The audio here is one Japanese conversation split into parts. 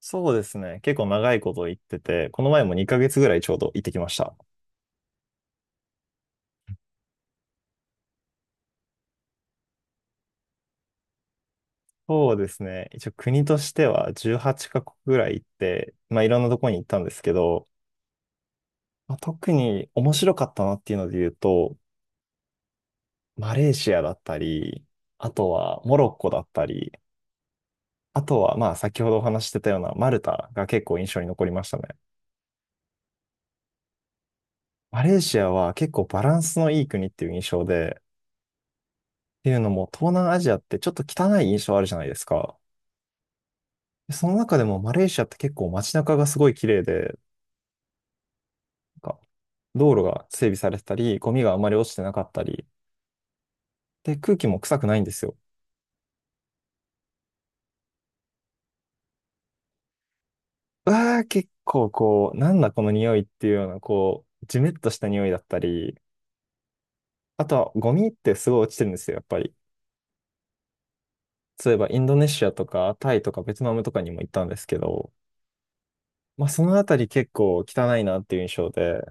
そうですね。結構長いこと行ってて、この前も2ヶ月ぐらいちょうど行ってきました。そうですね。一応国としては18カ国ぐらい行って、まあいろんなとこに行ったんですけど、まあ、特に面白かったなっていうので言うと、マレーシアだったり、あとはモロッコだったり、あとはまあ先ほどお話ししてたようなマルタが結構印象に残りましたね。マレーシアは結構バランスのいい国っていう印象で、っていうのも東南アジアってちょっと汚い印象あるじゃないですか。その中でもマレーシアって結構街中がすごい綺麗で、なんか道路が整備されてたり、ゴミがあまり落ちてなかったり、で、空気も臭くないんですよ。うわー、結構こう、なんだこの匂いっていうような、こう、ジメッとした匂いだったり、あとはゴミってすごい落ちてるんですよ、やっぱり。そういえばインドネシアとかタイとかベトナムとかにも行ったんですけど、まあそのあたり結構汚いなっていう印象で、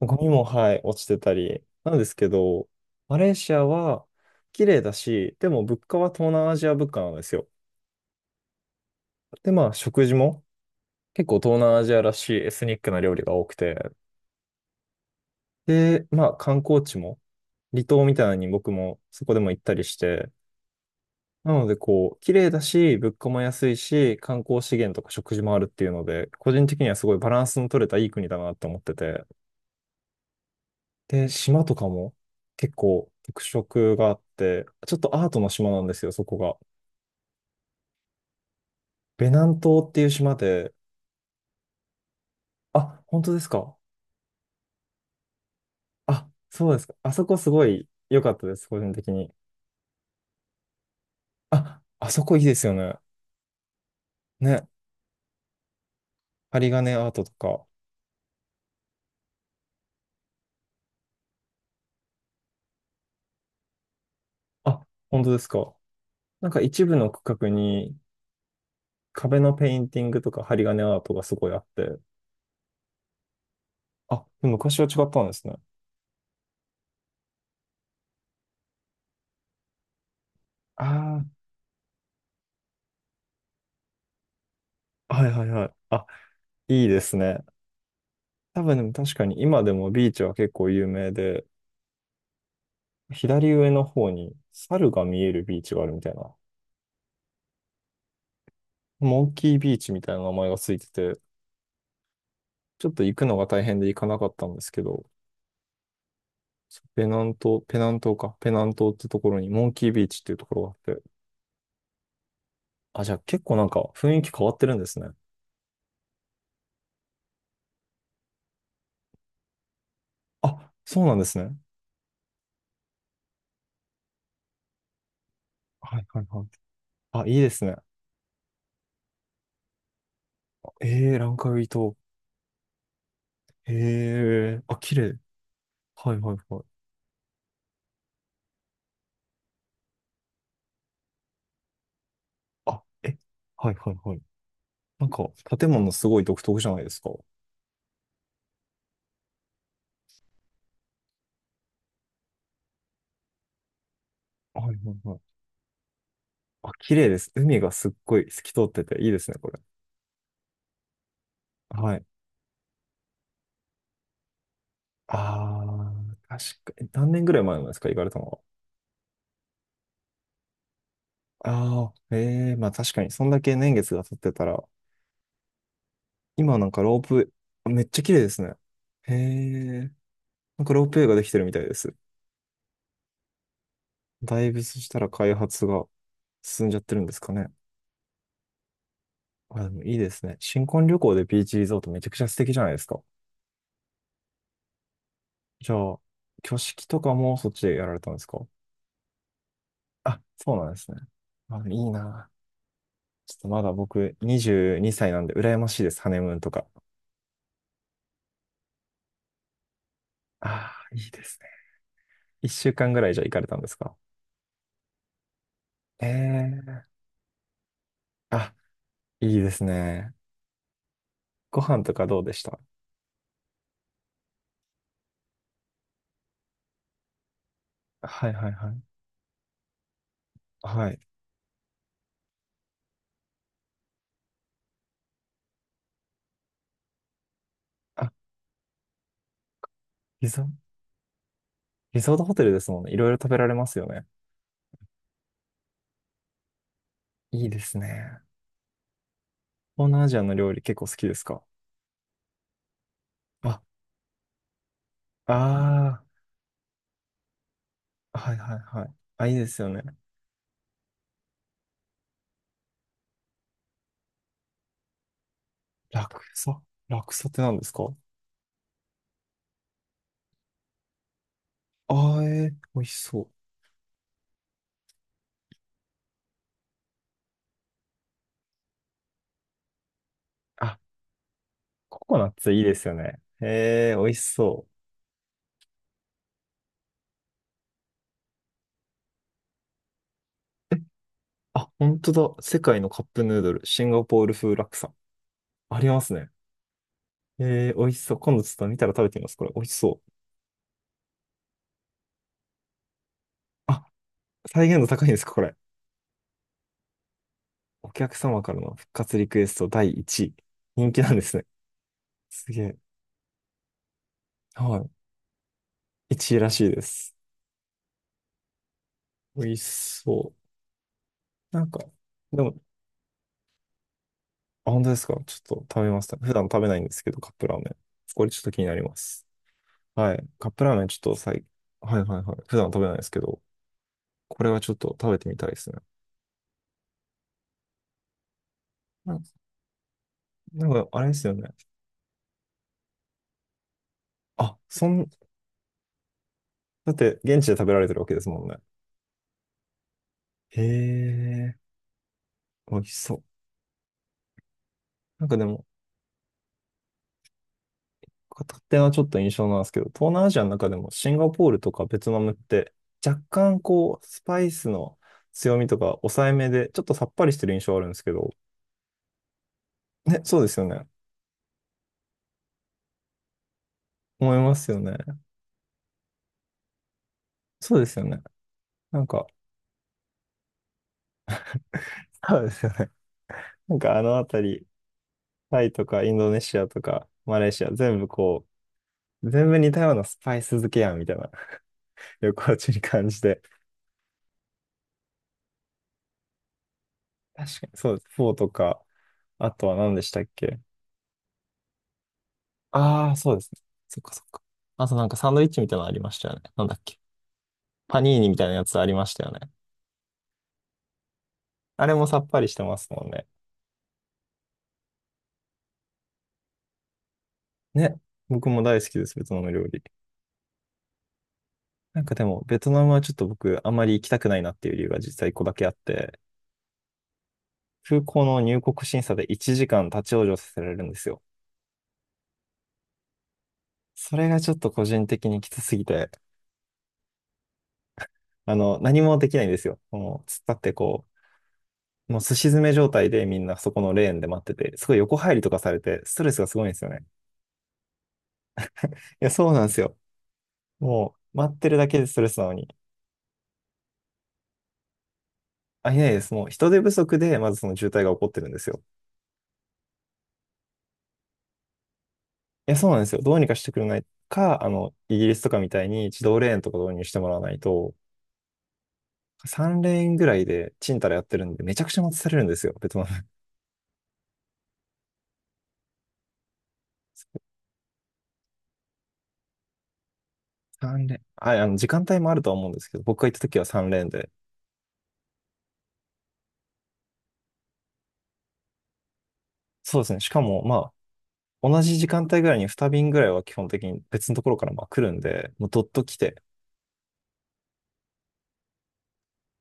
ゴミも、はい、落ちてたり。なんですけど、マレーシアは綺麗だし、でも物価は東南アジア物価なんですよ。で、まあ食事も結構東南アジアらしいエスニックな料理が多くて。で、まあ観光地も離島みたいなのに僕もそこでも行ったりして。なのでこう、綺麗だし、物価も安いし、観光資源とか食事もあるっていうので、個人的にはすごいバランスの取れたいい国だなって思ってて。で、島とかも結構特色があって、ちょっとアートの島なんですよ、そこが。ベナン島っていう島で、あ、本当ですか。あ、そうですか。あそこすごい良かったです、個人的に。あ、あそこいいですよね。ね、針金アートとか。あ、本当ですか。なんか一部の区画に壁のペインティングとか針金アートがすごいあって。あ、昔は違ったんですね。ああ、はいはいはい。あ、いいですね。多分でも確かに今でもビーチは結構有名で、左上の方に猿が見えるビーチがあるみたいな、モンキービーチみたいな名前がついてて、ちょっと行くのが大変で行かなかったんですけど、ペナント、ペナン島か、ペナントってところにモンキービーチっていうところがあって、あ、じゃあ結構なんか雰囲気変わってるんですね。あ、そうなんですね。はいはいはい。あ、いいですね。えー、ランカウイ島。えー、あ、綺麗。はいはいはい。あ、え、はいはいはい。なんか、建物すごい独特じゃないですか。はいはいはい。あ、綺麗です。海がすっごい透き通ってていいですね、これ。はい。ああ、確かに。何年ぐらい前なんですか、行かれたのは。ああ、ええまあ確かに、そんだけ年月が経ってたら、今なんかロープ、めっちゃ綺麗ですね。へえ、なんかロープウェイができてるみたいです。だいぶそしたら開発が進んじゃってるんですかね。あ、でもいいですね。新婚旅行でビーチリゾートめちゃくちゃ素敵じゃないですか。じゃあ、挙式とかもそっちでやられたんですか。あ、そうなんですね。まあ、いいな。ちょっとまだ僕22歳なんで羨ましいです、ハネムーンとか。ああ、いいですね。1週間ぐらいじゃ行かれたんですか。ええー。あ、いいですね。ご飯とかどうでした。はいはいはい。はい。あ、リゾ、リゾートホテルですもんね。いろいろ食べられますよね。いいですね。東南アジアの料理結構好きですか。あ、ああ、はいはいはい。あ、いいですよね。ラクサ、ラクサって何ですか。ああーえー、美味しそう。あ、ココナッツいいですよね。へえ、美味しそう。あ、本当だ。世界のカップヌードル、シンガポール風ラクサ。ありますね。へえー、美味しそう。今度ちょっと見たら食べてみます。これ、美味しそう。あ、再現度高いんですか、これ。お客様からの復活リクエスト第1位。人気なんですね。すげえ。はい。1位らしいです。美味しそう。なんか、でも、あ、本当ですか。ちょっと食べました。普段食べないんですけど、カップラーメン。これちょっと気になります。はい。カップラーメンちょっとはいはいはい。普段食べないですけど、これはちょっと食べてみたいですね。なんなんか、あれですよね。あ、そん、だって現地で食べられてるわけですもんね。へえ、美味しそう。なんかでも、勝手なちょっと印象なんですけど、東南アジアの中でもシンガポールとかベトナムって若干こう、スパイスの強みとか抑えめで、ちょっとさっぱりしてる印象あるんですけど、ね、そうですよね。思いますよね。そうですよね。なんか、そうですよね。なんかあのあたり、タイとかインドネシアとかマレーシア全部こう、全部似たようなスパイス漬けやんみたいな 旅行中 に感じて。確かに、そうです。フォーとか、あとは何でしたっけ。ああー、そうですね。そっかそっか。あとなんかサンドイッチみたいなのありましたよね。なんだっけ。パニーニみたいなやつありましたよね。あれもさっぱりしてますもんね。ね。僕も大好きです、ベトナム料理。なんかでも、ベトナムはちょっと僕、あまり行きたくないなっていう理由が実際一個だけあって、空港の入国審査で1時間立ち往生させられるんですよ。それがちょっと個人的にきつすぎて、あの、何もできないんですよ。もう、突っ立ってこう、もうすし詰め状態でみんなそこのレーンで待ってて、すごい横入りとかされて、ストレスがすごいんですよね。いや、そうなんですよ。もう、待ってるだけでストレスなのに。あ、いないです。もう、人手不足で、まずその渋滞が起こってるんですよ。いや、そうなんですよ。どうにかしてくれないか、あの、イギリスとかみたいに自動レーンとか導入してもらわないと、3レーンぐらいでチンタラやってるんで、めちゃくちゃ待たされるんですよ、ベトナム。3レーン。はい、あの、時間帯もあるとは思うんですけど、僕が行った時は3レーンで。そうですね。しかも、まあ、同じ時間帯ぐらいに2便ぐらいは基本的に別のところからまあ来るんで、もうどっと来て、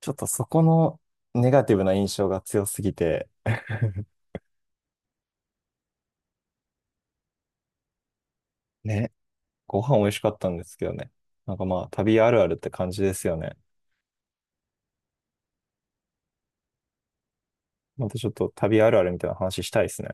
ちょっとそこのネガティブな印象が強すぎて、ね、ご飯美味しかったんですけどね。なんかまあ旅あるあるって感じですよね。またちょっと旅あるあるみたいな話したいですね。